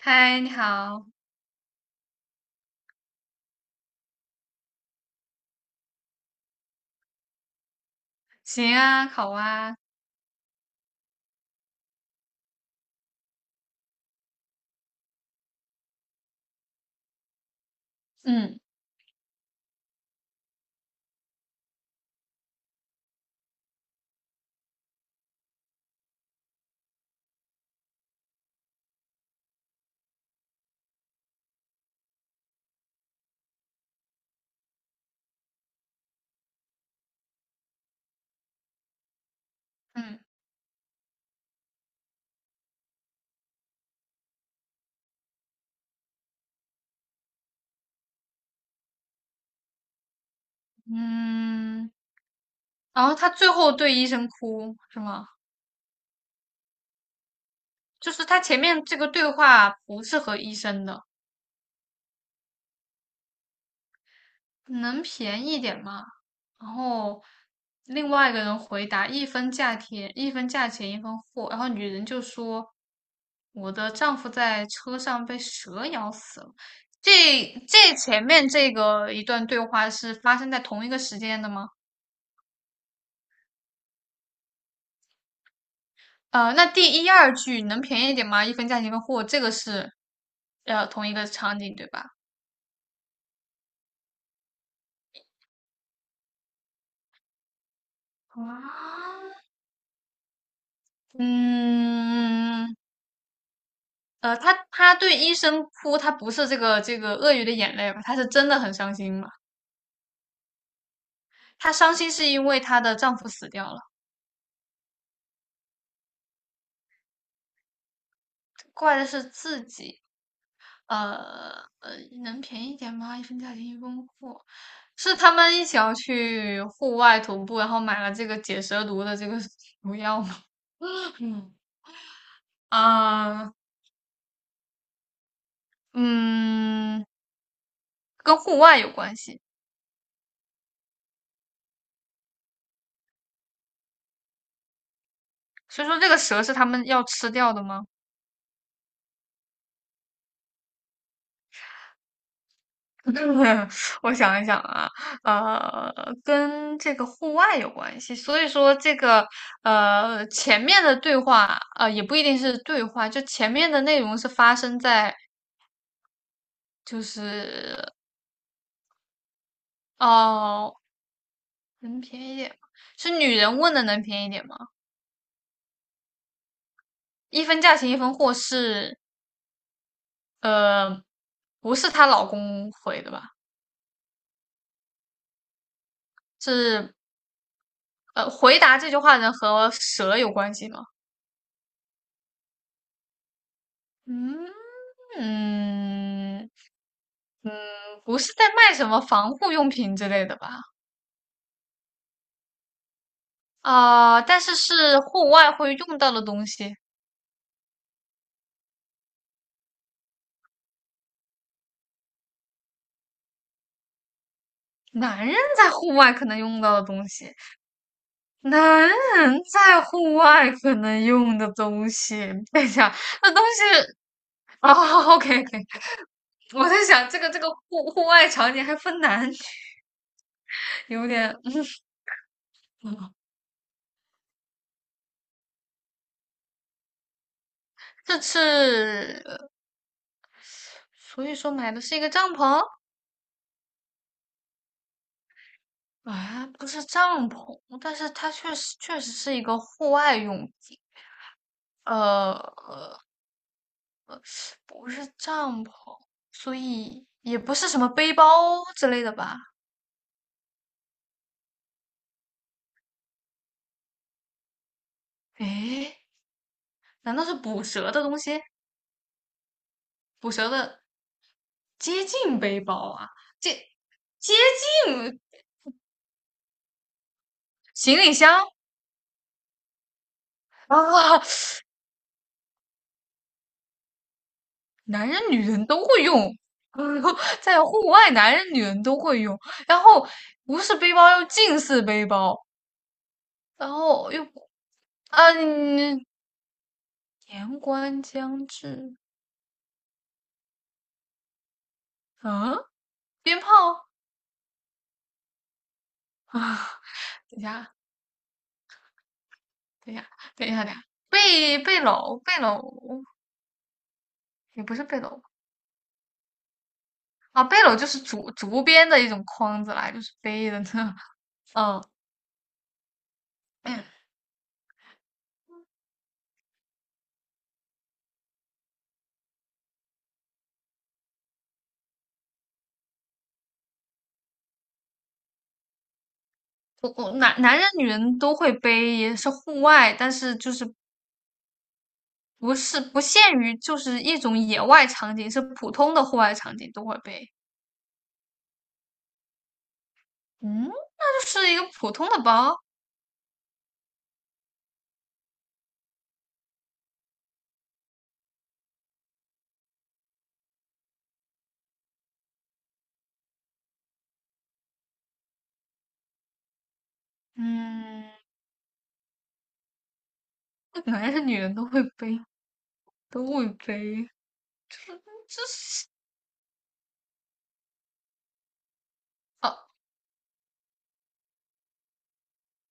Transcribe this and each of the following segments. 嗨，你好，行啊，好啊，嗯，嗯嗯，然后他最后对医生哭是吗？就是他前面这个对话不是和医生的，能便宜点吗？然后另外一个人回答一分价钱一分货，然后女人就说我的丈夫在车上被蛇咬死了。这这前面这个一段对话是发生在同一个时间的吗？那第一二句能便宜一点吗？一分价钱一分货，这个是同一个场景对吧？嗯，他对医生哭，他不是这个鳄鱼的眼泪吧？他是真的很伤心嘛？她伤心是因为她的丈夫死掉了，怪的是自己。呃呃，能便宜一点吗？一分价钱一分货，是他们一起要去户外徒步，然后买了这个解蛇毒的这个毒药吗？嗯，啊、嗯，跟户外有关系。所以说，这个蛇是他们要吃掉的吗？我想一想啊，呃，跟这个户外有关系。所以说，这个前面的对话，也不一定是对话，就前面的内容是发生在就是哦，能便宜一点吗？是女人问的能便宜一点吗？一分价钱一分货是呃，不是她老公回的吧？是回答这句话呢和蛇有关系吗？嗯嗯嗯，不是在卖什么防护用品之类的吧？啊、但是是户外会用到的东西，男人在户外可能用到的东西，男人在户外可能用的东西。等一下，那东西啊、o k OK，我在想这个户外场景还分男，有点，嗯这是所以说买的是一个帐篷啊，不是帐篷，但是它确实是一个户外用品，呃，不是帐篷，所以也不是什么背包之类的吧？诶，难道是捕蛇的东西？捕蛇的接近背包啊，接接近行李箱啊，男人女人都会用。在户外，男人女人都会用。然后不是背包，又近似背包，然后又嗯，年关将至嗯，鞭炮啊！等一下，等一下，等一下，等一下，背篓，背篓也不是背篓啊，背篓就是竹编的一种筐子啦，就是背的呢。嗯，哎我男人女人都会背，也是户外，但是就是不是不限于就是一种野外场景，是普通的户外场景都会背。嗯，那就是一个普通的包。嗯。原来是女人都会背，都会背，这是哦，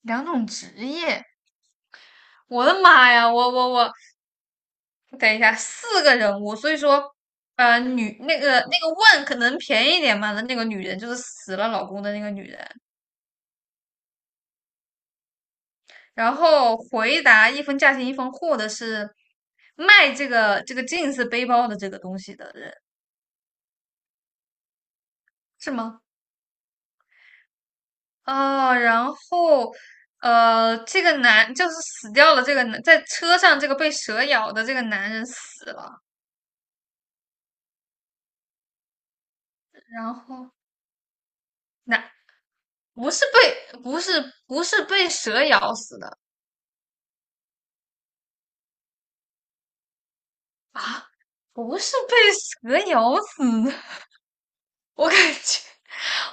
两种职业。我的妈呀，我，等一下，四个人物，所以说，呃，女那个那个问可能便宜一点嘛的那个女人就是死了老公的那个女人，然后回答一分价钱一分货的是卖这个这个 jeans 背包的这个东西的人，是吗？哦，然后，这个男就是死掉了，这个男在车上这个被蛇咬的这个男人死了，然后男不是被蛇咬死的啊，不是被蛇咬死的，我感觉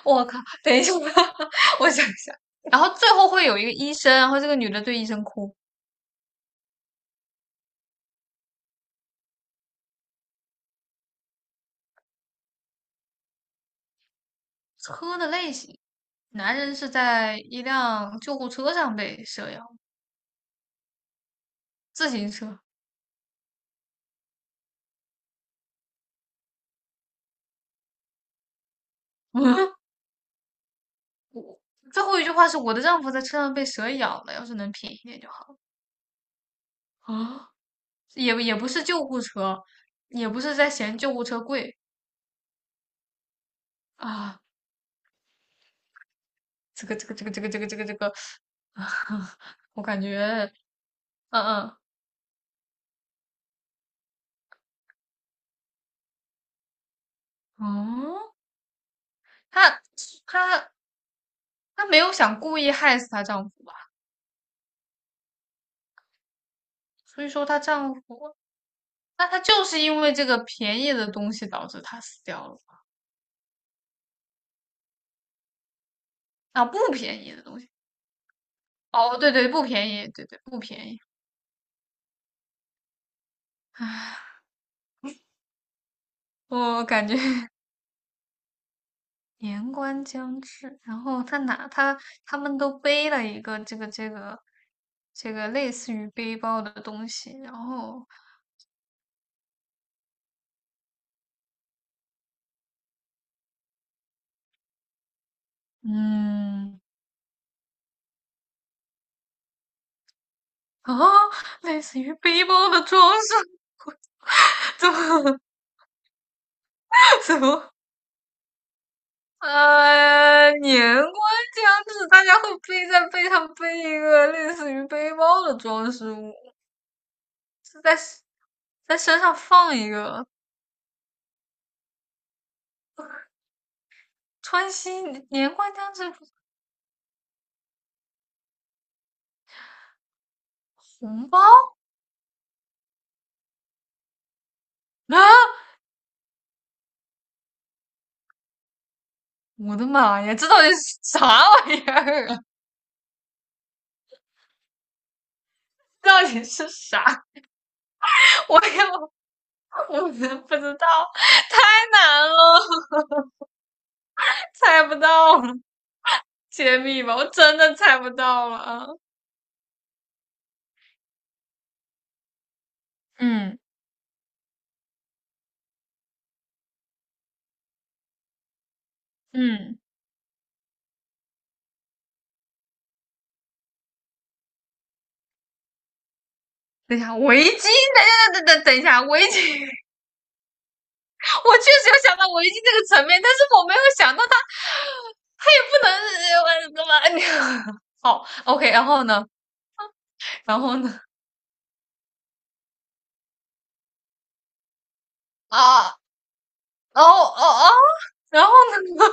我靠，等一下，我想一下，然后最后会有一个医生，然后这个女的对医生哭。车的类型，男人是在一辆救护车上被蛇咬，自行车。我最后一句话是我的丈夫在车上被蛇咬了，要是能便宜一点就好。啊也也不是救护车，也不是在嫌救护车贵啊。这个，啊，我感觉，嗯嗯嗯，她她她没有想故意害死她丈夫吧？所以说她丈夫，那她就是因为这个便宜的东西导致她死掉了啊，不便宜的东西。哦，对对，不便宜，对对不便宜。唉，我感觉年关将至，然后他拿他他们都背了一个这个类似于背包的东西，然后嗯啊，类似于背包的装饰，怎么怎么年关将至，大家会背在背上背一个类似于背包的装饰物，是在在身上放一个。川西年关将至，红包啊！我的妈呀，这到底是 啥玩意儿啊？这到底是啥？我也我真不知道，太难了，猜不到了，揭秘吧，我真的猜不到了啊嗯嗯，等一下，围巾，等一下，围巾，我确实有想到围巾这个层面，但是我没有想到它，它也不能，我怎么？好，OK，然后呢？然后呢？啊，哦哦哦，然后呢？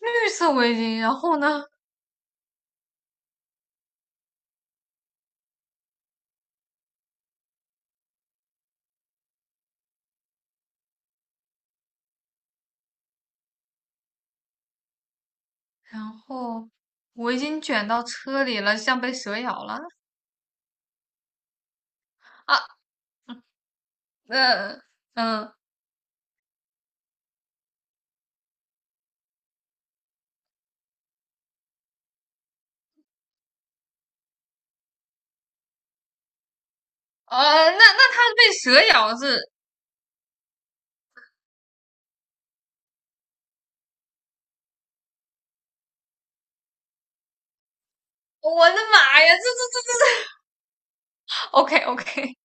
绿色围巾，然后呢？然后围巾卷到车里了，像被蛇咬了啊！嗯嗯那它被蛇咬是？我的妈呀！这，OK OK，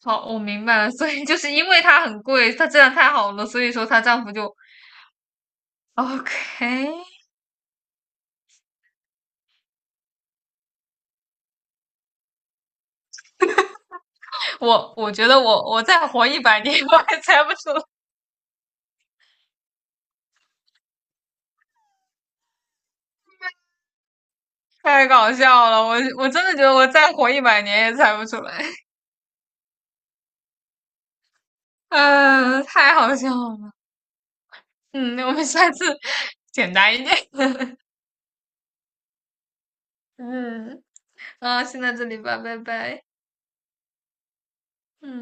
好，我明白了。所以就是因为它很贵，它质量太好了，所以说她丈夫就 OK 我觉得我再活一百年我还猜不出来，太搞笑了。我真的觉得我再活一百年也猜不出来，嗯、太好笑了。嗯，那我们下次 简单一点。嗯，啊，先到这里吧，拜拜。嗯。